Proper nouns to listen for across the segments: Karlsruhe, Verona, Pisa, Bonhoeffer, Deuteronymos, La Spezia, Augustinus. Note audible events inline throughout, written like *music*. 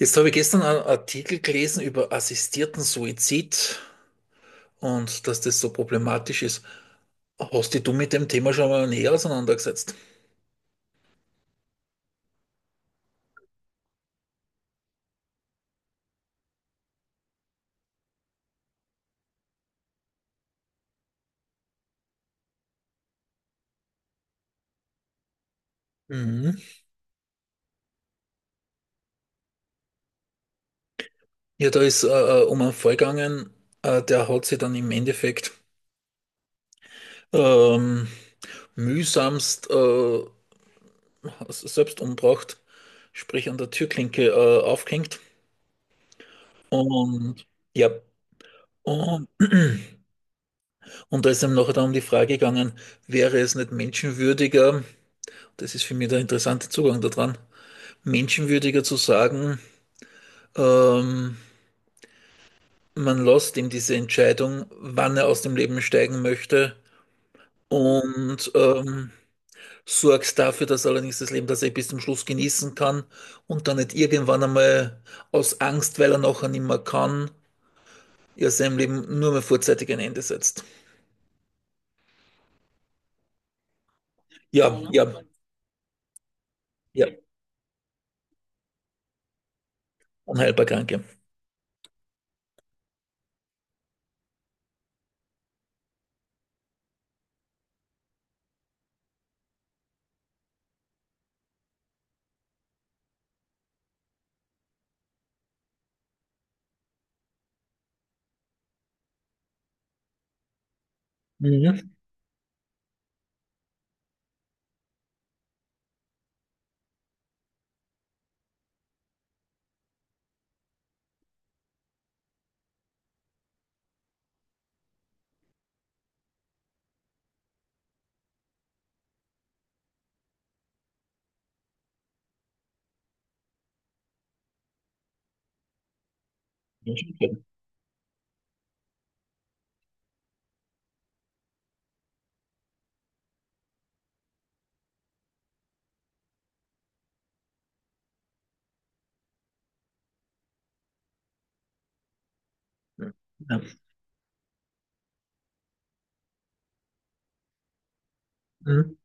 Jetzt habe ich gestern einen Artikel gelesen über assistierten Suizid und dass das so problematisch ist. Hast dich du mit dem Thema schon mal näher auseinandergesetzt? Mhm. Ja, da ist um einen Fall gegangen, der hat sich dann im Endeffekt ähm, mühsamst selbst umgebracht, sprich an der Türklinke aufgehängt. Und ja, und *clears throat* und da ist einem nachher dann um die Frage gegangen, wäre es nicht menschenwürdiger, das ist für mich der interessante Zugang daran, menschenwürdiger zu sagen, ähm, man lässt ihm diese Entscheidung, wann er aus dem Leben steigen möchte, und sorgt dafür, dass allerdings das Leben, das er bis zum Schluss genießen kann und dann nicht irgendwann einmal aus Angst, weil er nachher nicht mehr kann, ja seinem Leben nur mehr vorzeitig ein Ende setzt. Ja, ja, ja, unheilbar Kranke. Mhm. Ja. Mhm.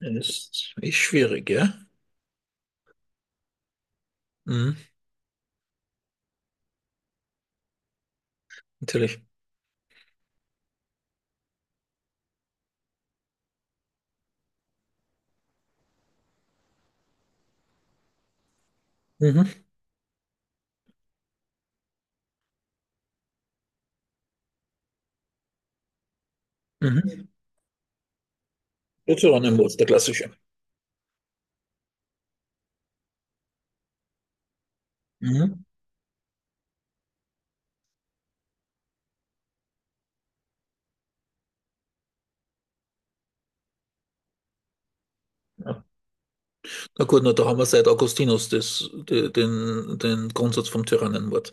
Ja, das ist echt schwierig, ja? Mhm. Natürlich. Mhm. Mhm. Deuteronymos, der klassische. Mhm. Ja. Na gut, na, da haben wir seit Augustinus den Grundsatz vom Tyrannenmord.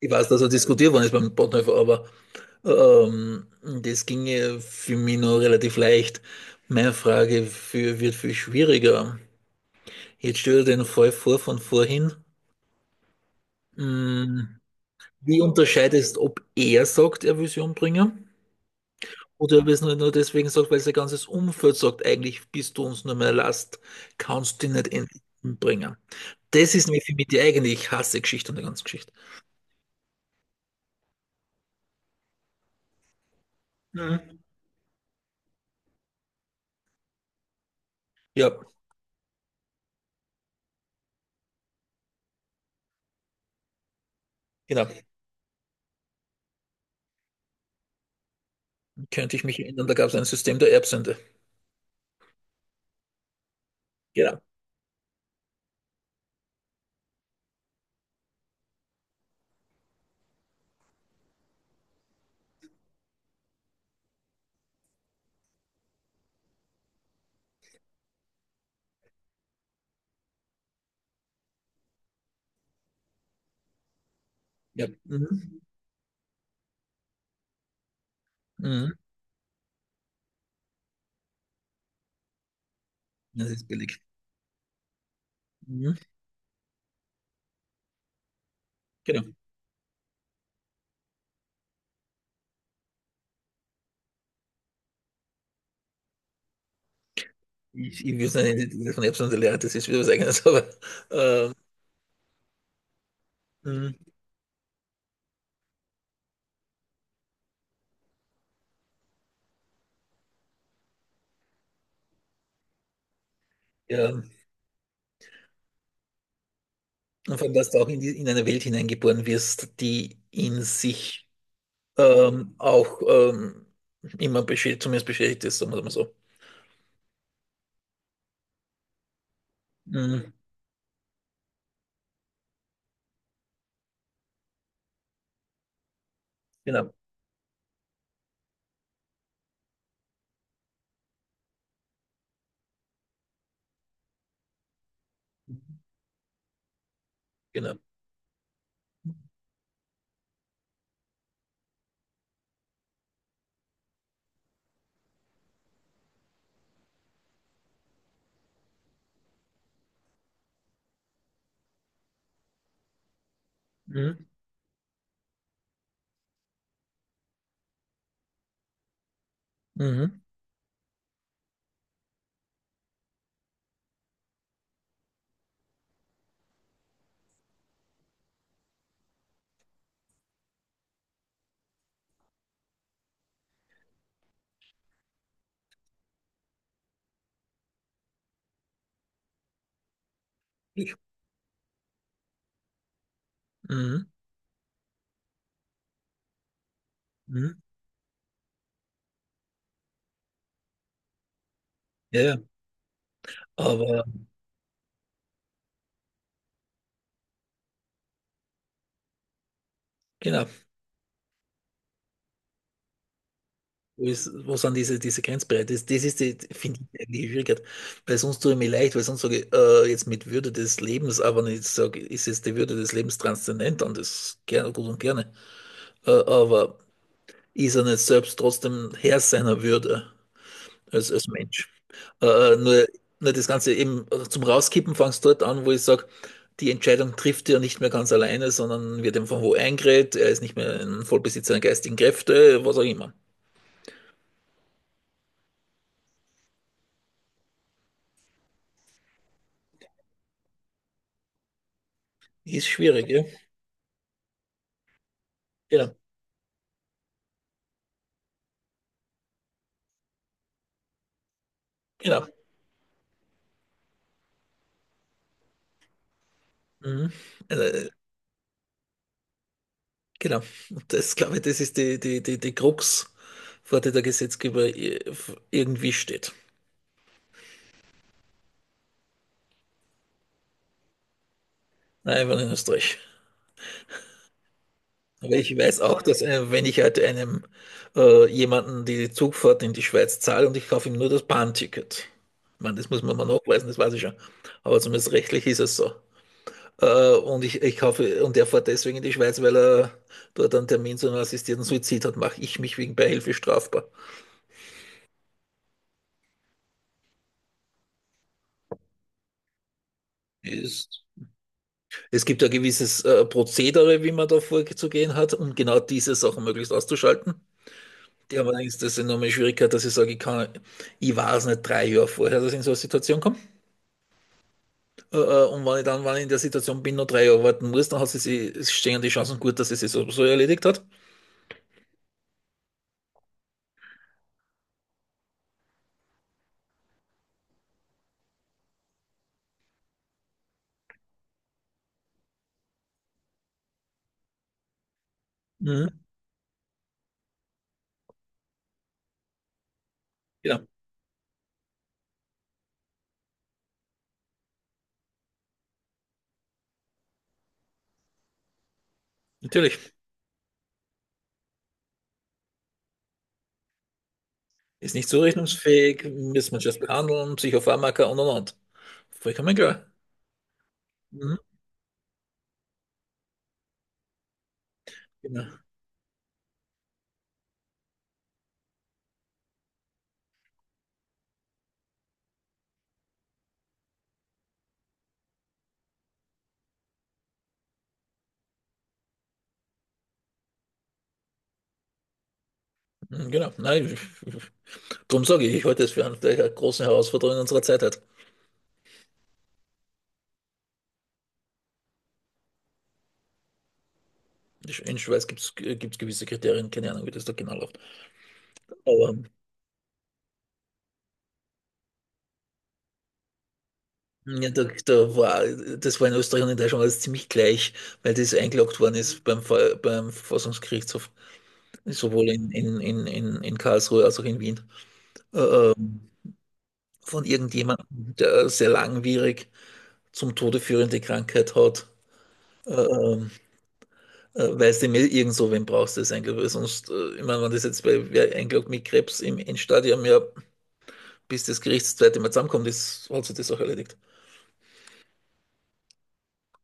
Ich weiß, dass er diskutiert worden ist beim Bonhoeffer, aber ähm, das ginge für mich noch relativ leicht. Meine Frage für, wird viel schwieriger. Jetzt stell dir den Fall vor von vorhin. Mhm. Wie unterscheidest, ob er sagt, er will sie umbringen? Oder wir es nur deswegen sagt, weil sein ganzes Umfeld sagt, eigentlich bist du uns nur mehr Last, kannst dich nicht endlich umbringen. Das ist nämlich für mich die eigentlich hasse Geschichte an der ganzen Geschichte. Ja, genau. Könnte ich mich erinnern, da gab es ein System der Erbsünde. Genau. Ja. Mhm. Mhm. Das ist billig. Mhm. Genau. Ich will es nicht von Erbsünde lernen, das ist wieder was Eigenes, *laughs* aber ähm, mhm, ja. Und vor allem, dass du auch in eine Welt hineingeboren wirst, die in sich auch immer beschäftigt, zumindest beschäftigt ist, sagen wir mal so. Mhm. Genau, genau. Mhm. Mhm. Ich. Mhm. Mhm. Ja, ja. Aber genau, wo sind diese Grenzbereiche? Das ist die, finde ich, eigentlich die Schwierigkeit, weil sonst tue ich mir leid, weil sonst sage ich jetzt mit Würde des Lebens, aber nicht sage, ist jetzt die Würde des Lebens transzendent und das gerne, gut und gerne, aber ist er nicht selbst trotzdem Herr seiner Würde als, als Mensch? Äh, nur, nur das Ganze eben zum Rauskippen fangst dort an, wo ich sage, die Entscheidung trifft er nicht mehr ganz alleine, sondern wird ihm von wo eingeredet, er ist nicht mehr ein Vollbesitzer der geistigen Kräfte, was auch immer. Ist schwierig, ja? Genau, genau. Mhm. Äh, genau. Und das, glaube ich, das ist die Krux, vor der der Gesetzgeber irgendwie steht. Nein, ich war in Österreich. Aber ich weiß auch, dass wenn ich halt einem jemanden die Zugfahrt in die Schweiz zahle und ich kaufe ihm nur das Bahnticket. Ich meine, das muss man mal nachweisen, das weiß ich schon. Aber zumindest rechtlich ist es so. Und ich kaufe, und er fährt deswegen in die Schweiz, weil er dort einen Termin zu einem assistierten Suizid hat, mache ich mich wegen Beihilfe strafbar. Ist. Es gibt ja gewisses Prozedere, wie man da vorzugehen hat, um genau diese Sachen möglichst auszuschalten. Die haben allerdings das enorme Schwierigkeit, dass ich sage, ich weiß nicht drei Jahre vorher, dass ich in so eine Situation komme. Und wenn ich dann, wenn ich in der Situation bin, noch drei Jahre warten muss, dann hat es stehen die Chancen gut, dass sie sich so erledigt hat. Mhm. Ja, natürlich. Ist nicht zurechnungsfähig, müssen wir das behandeln, Psychopharmaka und und. Vollkommen klar. Mhm. Genau. Mhm, genau. Nein, ich, darum sage ich, ich halte es für eine der großen Herausforderungen unserer Zeit halt. In Schweiz gibt es gewisse Kriterien, keine Ahnung, wie das da genau läuft. Aber ja, das war in Österreich und in Deutschland alles ziemlich gleich, weil das eingeloggt worden ist beim Verfassungsgerichtshof, sowohl in Karlsruhe als auch in Wien, äh, äh, von irgendjemandem, der sehr langwierig zum Tode führende Krankheit hat. Äh, ähm, weißt du, mir irgend so, wen brauchst du das eigentlich? Weil sonst, ich meine, wenn das jetzt bei wer eingeloggt mit Krebs im Endstadium ja, bis das Gericht das zweite Mal zusammenkommt, ist, hat sich das auch erledigt.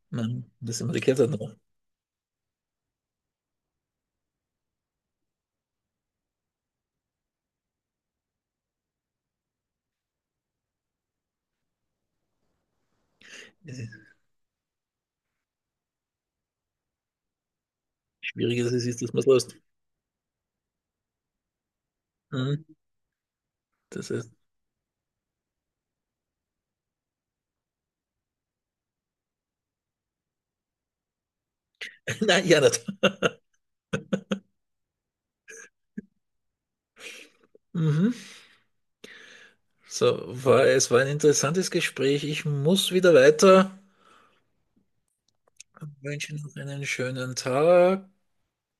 Ich meine, das sind wir die Kälte noch. Schwierig ist es, ist, dass man es löst. Mhm. Das ist, *laughs* nein, ja nicht. Mhm. So, es war ein interessantes Gespräch. Ich muss wieder weiter. Ich wünsche noch einen schönen Tag.